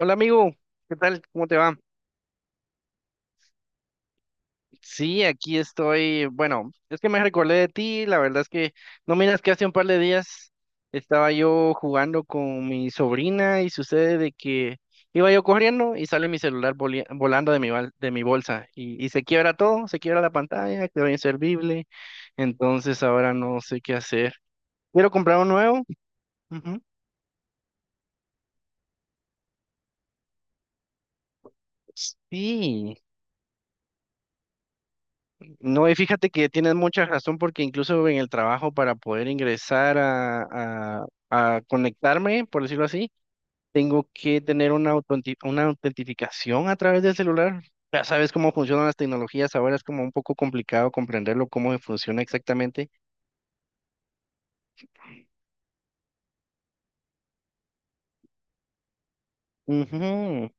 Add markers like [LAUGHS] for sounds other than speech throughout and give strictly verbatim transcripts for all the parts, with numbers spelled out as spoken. Hola amigo, ¿qué tal? ¿Cómo te va? Sí, aquí estoy. Bueno, es que me recordé de ti. La verdad es que no miras que hace un par de días estaba yo jugando con mi sobrina y sucede de que iba yo corriendo y sale mi celular voli- volando de mi, bal- de mi bolsa y, y se quiebra todo, se quiebra la pantalla, quedó inservible. Entonces ahora no sé qué hacer. Quiero comprar un nuevo. Ujú. Sí. No, y fíjate que tienes mucha razón porque incluso en el trabajo para poder ingresar a, a- a conectarme, por decirlo así, tengo que tener una, autenti- una autentificación a través del celular. Ya sabes cómo funcionan las tecnologías, ahora es como un poco complicado comprenderlo, cómo funciona exactamente. Ujú.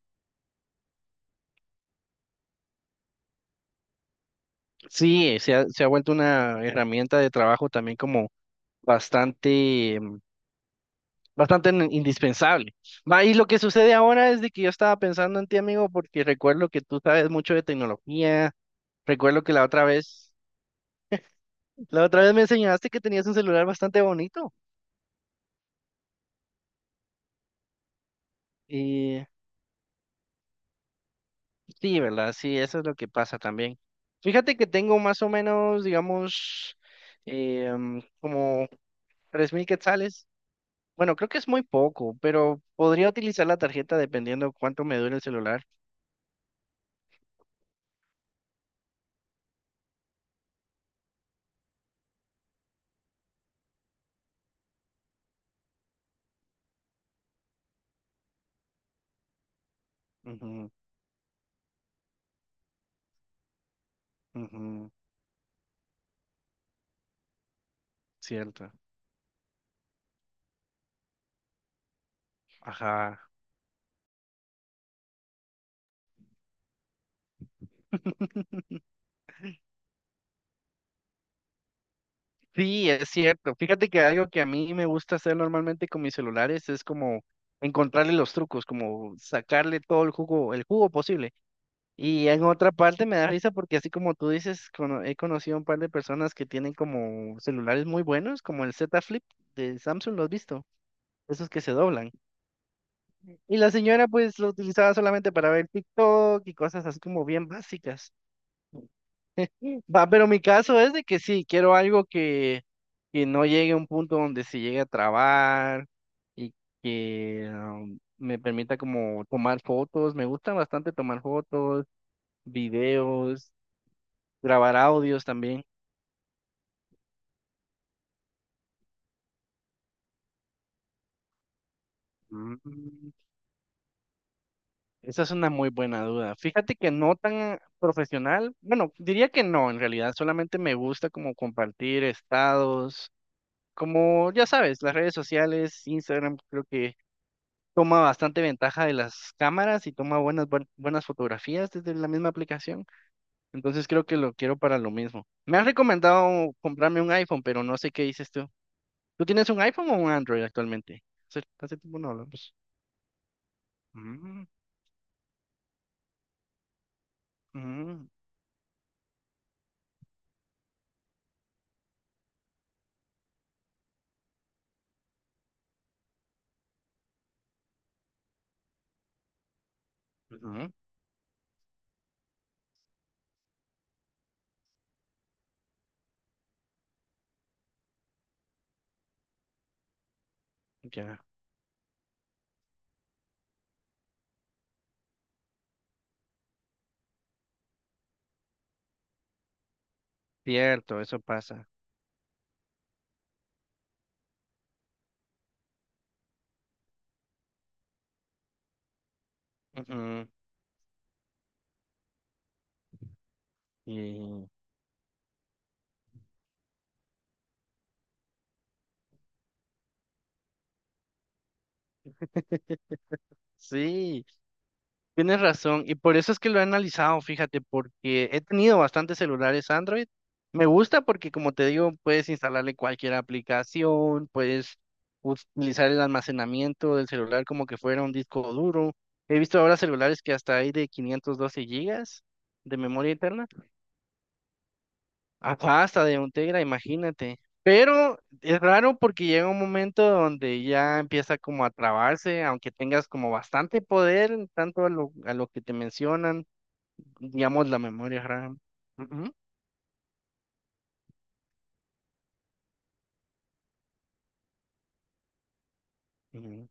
Sí, se ha, se ha vuelto una herramienta de trabajo también como bastante bastante in- indispensable. Va, y lo que sucede ahora es de que yo estaba pensando en ti, amigo, porque recuerdo que tú sabes mucho de tecnología, recuerdo que la otra vez, la otra vez me enseñaste que tenías un celular bastante bonito. Y sí, ¿verdad? Sí, eso es lo que pasa también. Fíjate que tengo más o menos, digamos, eh, mm, como tres mil quetzales. Bueno, creo que es muy poco, pero podría utilizar la tarjeta dependiendo cuánto me dure el celular. Ujú, ujú, cierto. Ajá. [LAUGHS] Sí, es cierto. Fíjate que algo que a mí me gusta hacer normalmente con mis celulares es como encontrarle los trucos, como sacarle todo el jugo, el jugo posible. Y en otra parte me da risa porque así como tú dices, cono- he conocido un par de personas que tienen como celulares muy buenos, como el Z Flip de Samsung, ¿lo has visto? Esos que se doblan. Y la señora pues lo utilizaba solamente para ver TikTok y cosas así como bien básicas. Va, pero mi caso es de que sí, quiero algo que, que no llegue a un punto donde se llegue a trabar y que um, me permita como tomar fotos. Me gusta bastante tomar fotos, videos, grabar audios también. Mm, Esa es una muy buena duda. Fíjate que no tan profesional. Bueno, diría que no, en realidad solamente me gusta como compartir estados, como ya sabes, las redes sociales, Instagram, creo que toma bastante ventaja de las cámaras y toma buenas, buen- buenas fotografías desde la misma aplicación. Entonces creo que lo quiero para lo mismo. Me han recomendado comprarme un iPhone, pero no sé qué dices tú. ¿Tú tienes un iPhone o un Android actualmente? Hace, hace tiempo no hablamos. Mm, mm, ujú, ya. Cierto, eso pasa. Ujú, y sí. Tienes razón, y por eso es que lo he analizado, fíjate, porque he tenido bastantes celulares Android. Me gusta porque, como te digo, puedes instalarle cualquier aplicación, puedes utilizar el almacenamiento del celular como que fuera un disco duro. He visto ahora celulares que hasta hay de quinientos doce gigas de memoria interna, hasta hasta de un Tegra, imagínate. Pero es raro porque llega un momento donde ya empieza como a trabarse, aunque tengas como bastante poder, en tanto a lo, a lo que te mencionan digamos, la memoria RAM. Ujú, ujú,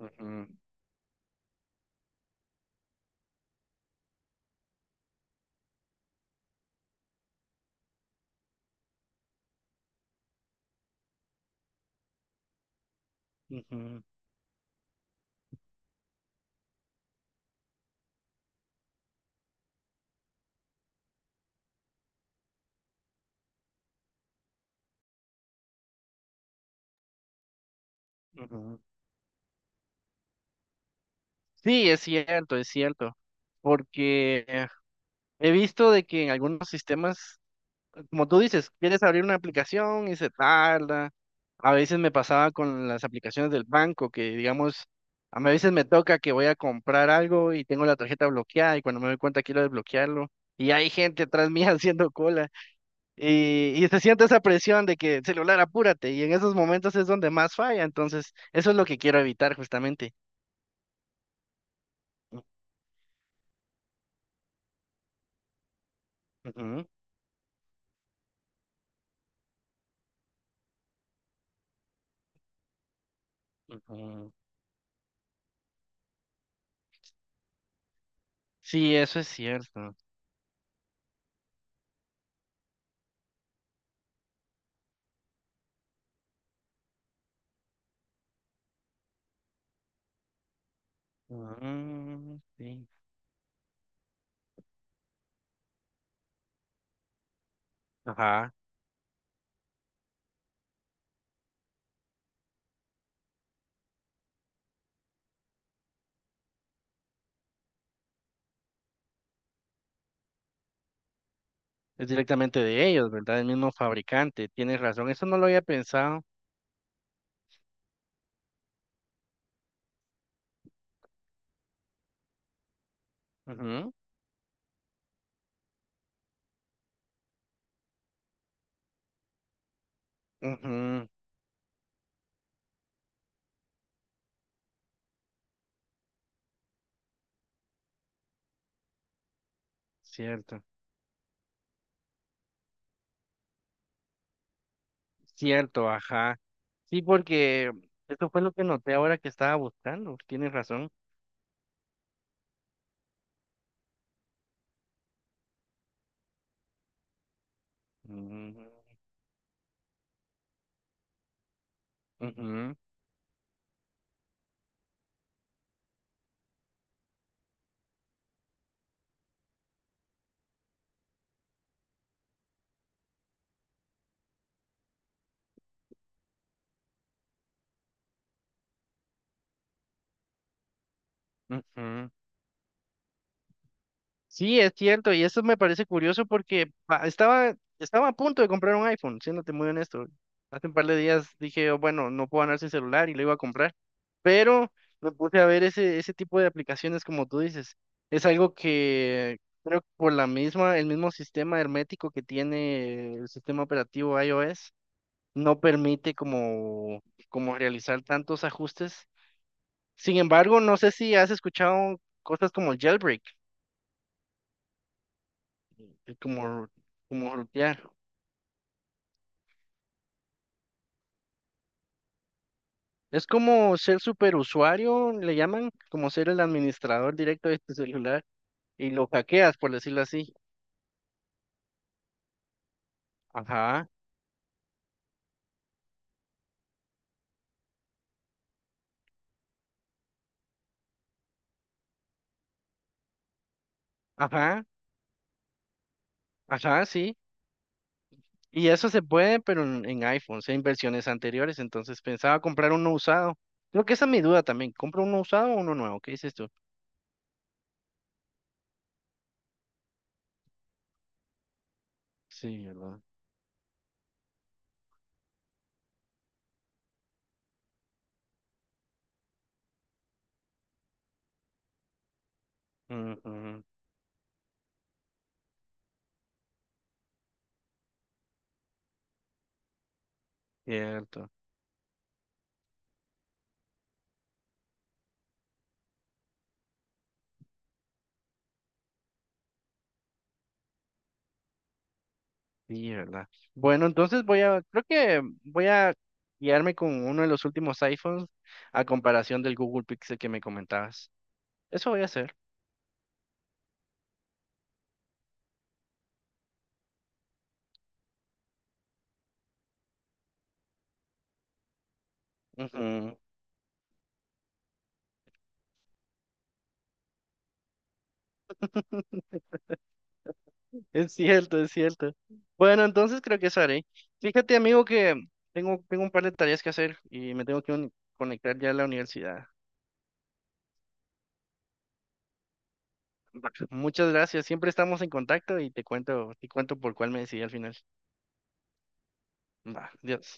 ujú, ujú, ujú. Sí, es cierto, es cierto, porque eh, he visto de que en algunos sistemas, como tú dices, quieres abrir una aplicación y se tarda. A veces me pasaba con las aplicaciones del banco, que digamos, a mí a veces me toca que voy a comprar algo y tengo la tarjeta bloqueada y cuando me doy cuenta quiero desbloquearlo y hay gente atrás mía [LAUGHS] haciendo cola. Y, y se siente esa presión de que celular, apúrate, y en esos momentos es donde más falla, entonces eso es lo que quiero evitar justamente. Ujú, ujú. Sí, eso es cierto. Mm, sí. Ajá, es directamente de ellos, ¿verdad? El mismo fabricante, tienes razón, eso no lo había pensado. Ujú, ujú, cierto, cierto, ajá. Sí, porque eso fue lo que noté ahora que estaba buscando, tienes razón. Mm, ujú, ujú. Sí, es cierto, y eso me parece curioso porque pa- estaba, estaba a punto de comprar un iPhone, siéndote muy honesto. Hace un par de días dije, "Oh, bueno, no puedo andar sin celular y lo iba a comprar, pero me puse a ver ese, ese tipo de aplicaciones como tú dices. Es algo que creo que por la misma, el mismo sistema hermético que tiene el sistema operativo iOS, no permite como, como realizar tantos ajustes. Sin embargo, no sé si has escuchado cosas como el jailbreak. Es como, como rutear. Es como ser superusuario, le llaman, como ser el administrador directo de tu celular y lo hackeas, por decirlo así. Ajá, ajá, ajá, sí. Y eso se puede, pero en, en iPhones, en versiones anteriores. Entonces pensaba comprar uno usado. Creo que esa es mi duda también. ¿Compro uno usado o uno nuevo? ¿Qué dices tú? Sí, ¿verdad? Ujú, cierto. Sí, ¿verdad? Bueno, entonces voy a, creo que voy a guiarme con uno de los últimos iPhones a comparación del Google Pixel que me comentabas. Eso voy a hacer. Ujú. [LAUGHS] Es cierto, es cierto. Bueno, entonces creo que eso haré. Fíjate, amigo, que tengo, tengo un par de tareas que hacer y me tengo que uni- conectar ya a la universidad. Va. Muchas gracias. Siempre estamos en contacto y te cuento, te cuento por cuál me decidí al final. Va, adiós.